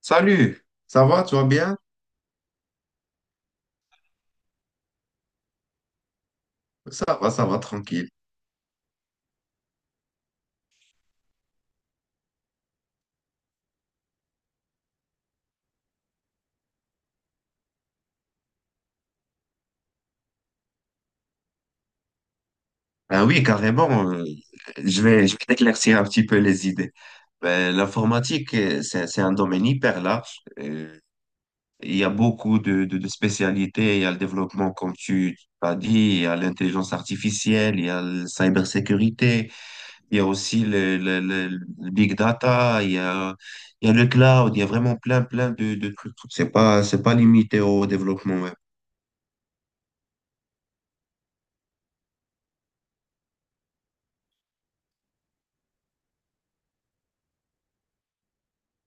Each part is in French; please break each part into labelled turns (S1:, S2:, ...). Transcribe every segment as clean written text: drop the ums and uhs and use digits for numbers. S1: Salut, ça va, tu vas bien? Ça va, tranquille. Ah oui, carrément, je vais t'éclaircir un petit peu les idées. Ben, l'informatique, c'est un domaine hyper large. Il y a beaucoup de spécialités. Il y a le développement, comme tu as dit, il y a l'intelligence artificielle, il y a la cybersécurité, il y a aussi le big data, il y a le cloud, il y a vraiment plein, plein de trucs. C'est pas limité au développement web.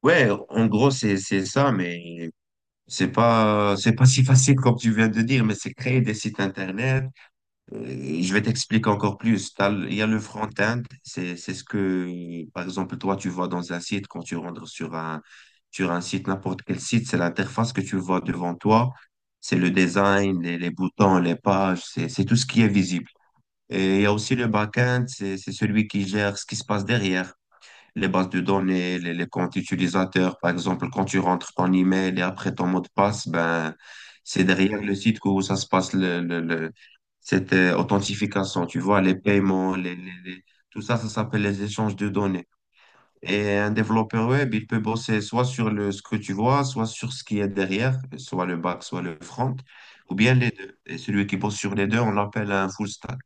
S1: Ouais, en gros, c'est ça, mais c'est pas si facile comme tu viens de dire, mais c'est créer des sites internet. Euh, je vais t'expliquer encore plus. Il y a le front-end, c'est ce que, par exemple, toi, tu vois dans un site, quand tu rentres sur un site, n'importe quel site, c'est l'interface que tu vois devant toi. C'est le design, les boutons, les pages, c'est tout ce qui est visible. Et il y a aussi le back-end, c'est celui qui gère ce qui se passe derrière les bases de données, les comptes utilisateurs. Par exemple, quand tu rentres ton email et après ton mot de passe, ben, c'est derrière le site que ça se passe cette authentification. Tu vois, les paiements, tout ça, ça s'appelle les échanges de données. Et un développeur web, il peut bosser soit sur le, ce que tu vois, soit sur ce qui est derrière, soit le back, soit le front, ou bien les deux. Et celui qui bosse sur les deux, on l'appelle un full stack.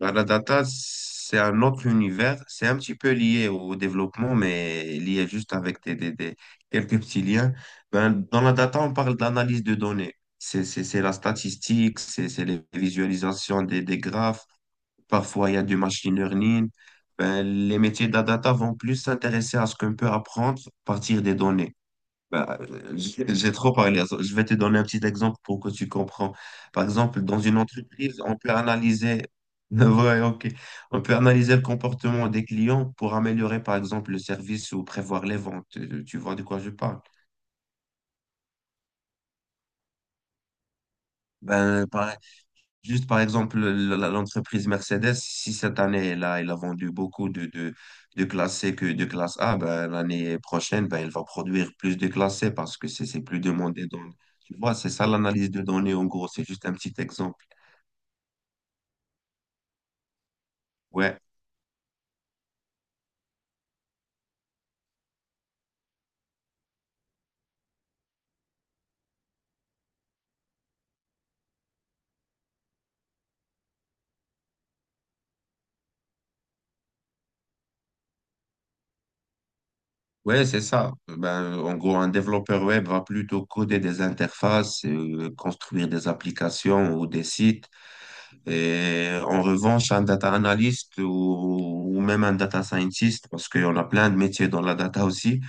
S1: Bah, la data, c'est un autre univers. C'est un petit peu lié au développement, mais lié juste avec quelques petits liens. Ben, dans la data, on parle d'analyse de données. C'est la statistique, c'est les visualisations des graphes. Parfois, il y a du machine learning. Ben, les métiers de la data vont plus s'intéresser à ce qu'on peut apprendre à partir des données. Bah, j'ai trop parlé. Je vais te donner un petit exemple pour que tu comprends. Par exemple, dans une entreprise, on peut analyser, ouais, ok. On peut analyser le comportement des clients pour améliorer, par exemple, le service ou prévoir les ventes. Tu vois de quoi je parle? Ben, par juste par exemple, l'entreprise Mercedes, si cette année, là elle a vendu beaucoup de classe C que de classe A, ben, l'année prochaine, ben, elle va produire plus de classe C parce que c'est plus demandé. Tu vois, c'est ça l'analyse de données en gros, c'est juste un petit exemple. Ouais, ouais, c'est ça. Ben, en gros, un développeur web va plutôt coder des interfaces, construire des applications ou des sites. Et en revanche, un data analyst ou même un data scientist, parce qu'on a plein de métiers dans la data aussi,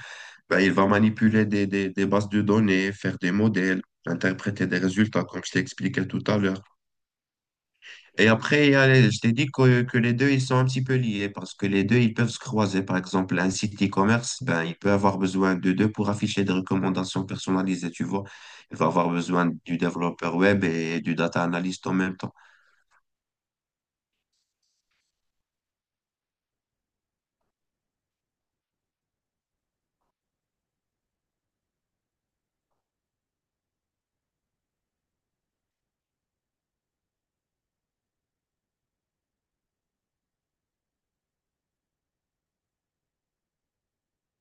S1: ben, il va manipuler des bases de données, faire des modèles, interpréter des résultats, comme je t'ai expliqué tout à l'heure. Et après, il y a les- je t'ai dit que les deux, ils sont un petit peu liés, parce que les deux, ils peuvent se croiser. Par exemple, un site e-commerce, ben, il peut avoir besoin de deux pour afficher des recommandations personnalisées, tu vois. Il va avoir besoin du développeur web et du data analyst en même temps.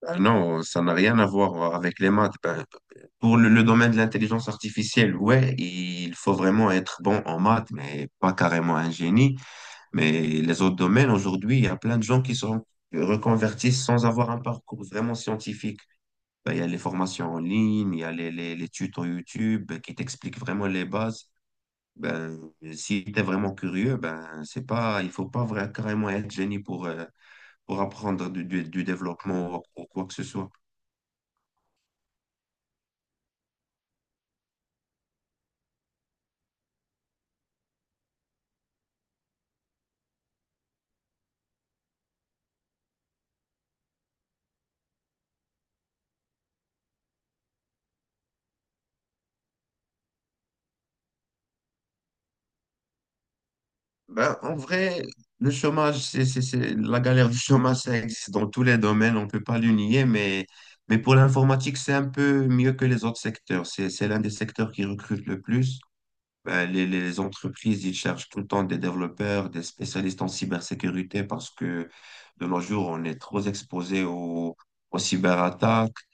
S1: Ah non, ça n'a rien à voir avec les maths. Ben, pour le domaine de l'intelligence artificielle, ouais, il faut vraiment être bon en maths, mais pas carrément un génie. Mais les autres domaines, aujourd'hui, il y a plein de gens qui sont qui reconvertissent sans avoir un parcours vraiment scientifique. Ben, il y a les formations en ligne, il y a les tutos YouTube qui t'expliquent vraiment les bases. Ben, si tu es vraiment curieux, ben, c'est pas, il faut pas vraiment, carrément être génie pour apprendre du développement ou quoi que ce soit. Ben, en vrai, le chômage, la galère du chômage, ça existe dans tous les domaines, on ne peut pas le nier, mais pour l'informatique, c'est un peu mieux que les autres secteurs. C'est l'un des secteurs qui recrute le plus. Ben, les entreprises, ils cherchent tout le temps des développeurs, des spécialistes en cybersécurité parce que de nos jours, on est trop exposé aux cyberattaques,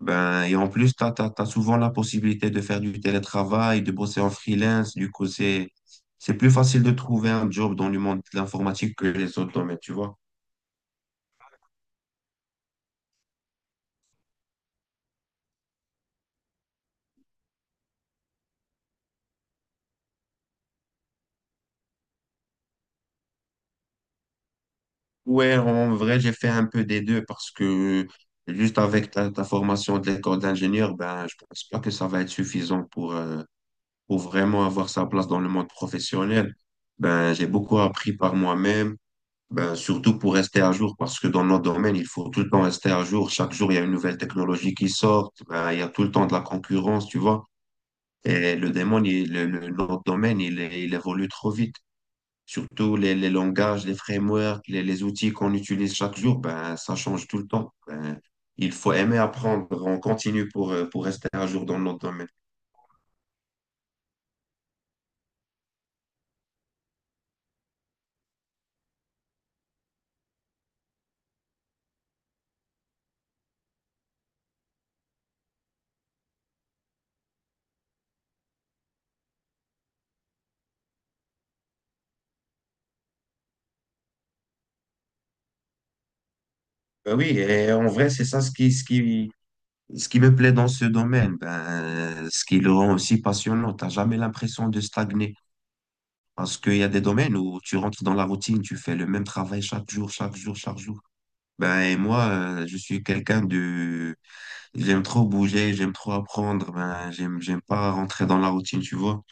S1: ben, et en plus, tu as, souvent la possibilité de faire du télétravail, de bosser en freelance. Du coup, c'est plus facile de trouver un job dans le monde de l'informatique que les autres domaines, tu vois. Ouais, en vrai, j'ai fait un peu des deux parce que juste avec ta formation de l'école d'ingénieur, ben, je pense pas que ça va être suffisant pour vraiment avoir sa place dans le monde professionnel. Ben, j'ai beaucoup appris par moi-même. Ben, surtout pour rester à jour, parce que dans notre domaine il faut tout le temps rester à jour. Chaque jour, il y a une nouvelle technologie qui sort. Ben, il y a tout le temps de la concurrence, tu vois. Et notre domaine, il évolue trop vite. Surtout les langages, les frameworks, les outils qu'on utilise chaque jour, ben, ça change tout le temps. Ben, il faut aimer apprendre. On continue pour rester à jour dans notre domaine. Ben oui, et en vrai, c'est ça ce qui me plaît dans ce domaine, ben, ce qui le rend aussi passionnant, t'as jamais l'impression de stagner. Parce qu'il y a des domaines où tu rentres dans la routine, tu fais le même travail chaque jour, chaque jour, chaque jour. Ben, et moi, je suis quelqu'un de... j'aime trop bouger, j'aime trop apprendre, ben, j'aime pas rentrer dans la routine, tu vois.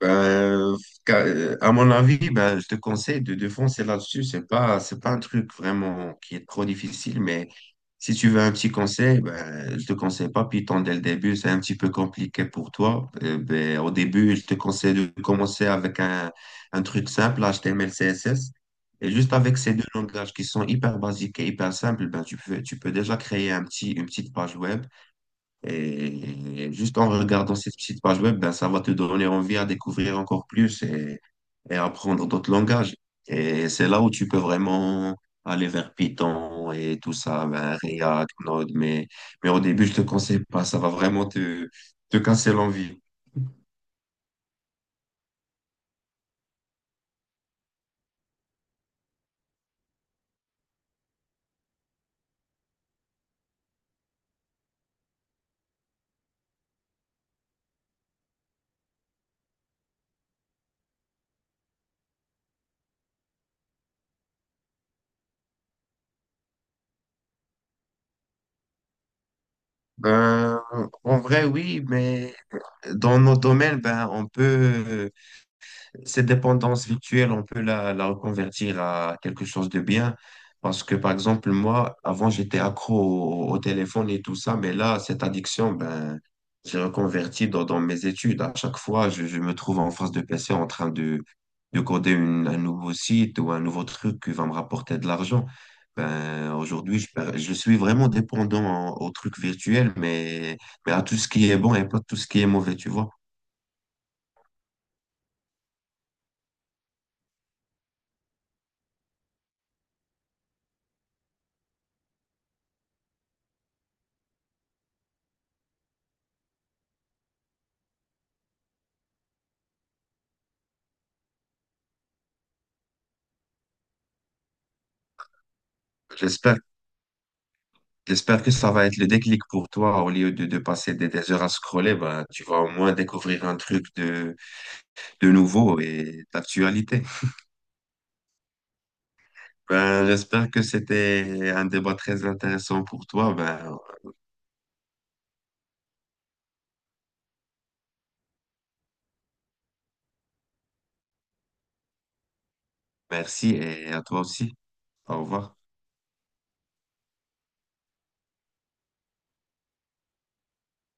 S1: Ben, ca- à mon avis, ben, je te conseille de défoncer là-dessus. C'est pas un truc vraiment qui est trop difficile, mais si tu veux un petit conseil, ben, je te conseille pas Python dès le début. C'est un petit peu compliqué pour toi. Ben, au début, je te conseille de commencer avec un truc simple, HTML, CSS. Et juste avec ces deux langages qui sont hyper basiques et hyper simples, ben, tu peux déjà créer un petit, une petite page web. Et juste en regardant cette petite page web, ben, ça va te donner envie à découvrir encore plus et apprendre d'autres langages. Et c'est là où tu peux vraiment aller vers Python et tout ça, ben, React, Node. Mais au début, je te conseille pas, ça va vraiment te casser l'envie. Ben, en vrai, oui, mais dans nos domaines, ben, on peut cette dépendance virtuelle, on peut la reconvertir à quelque chose de bien. Parce que, par exemple, moi, avant, j'étais accro au téléphone et tout ça, mais là, cette addiction, ben, j'ai reconverti dans mes études. À chaque fois, je me trouve en face de PC en train de coder un nouveau site ou un nouveau truc qui va me rapporter de l'argent. Ben, aujourd'hui, je suis vraiment dépendant au truc virtuel, mais à tout ce qui est bon et pas tout ce qui est mauvais, tu vois. J'espère j'espère que ça va être le déclic pour toi. Au lieu de passer des heures à scroller, ben, tu vas au moins découvrir un truc de nouveau et d'actualité. Ben, j'espère que c'était un débat très intéressant pour toi. Ben, merci et à toi aussi. Au revoir.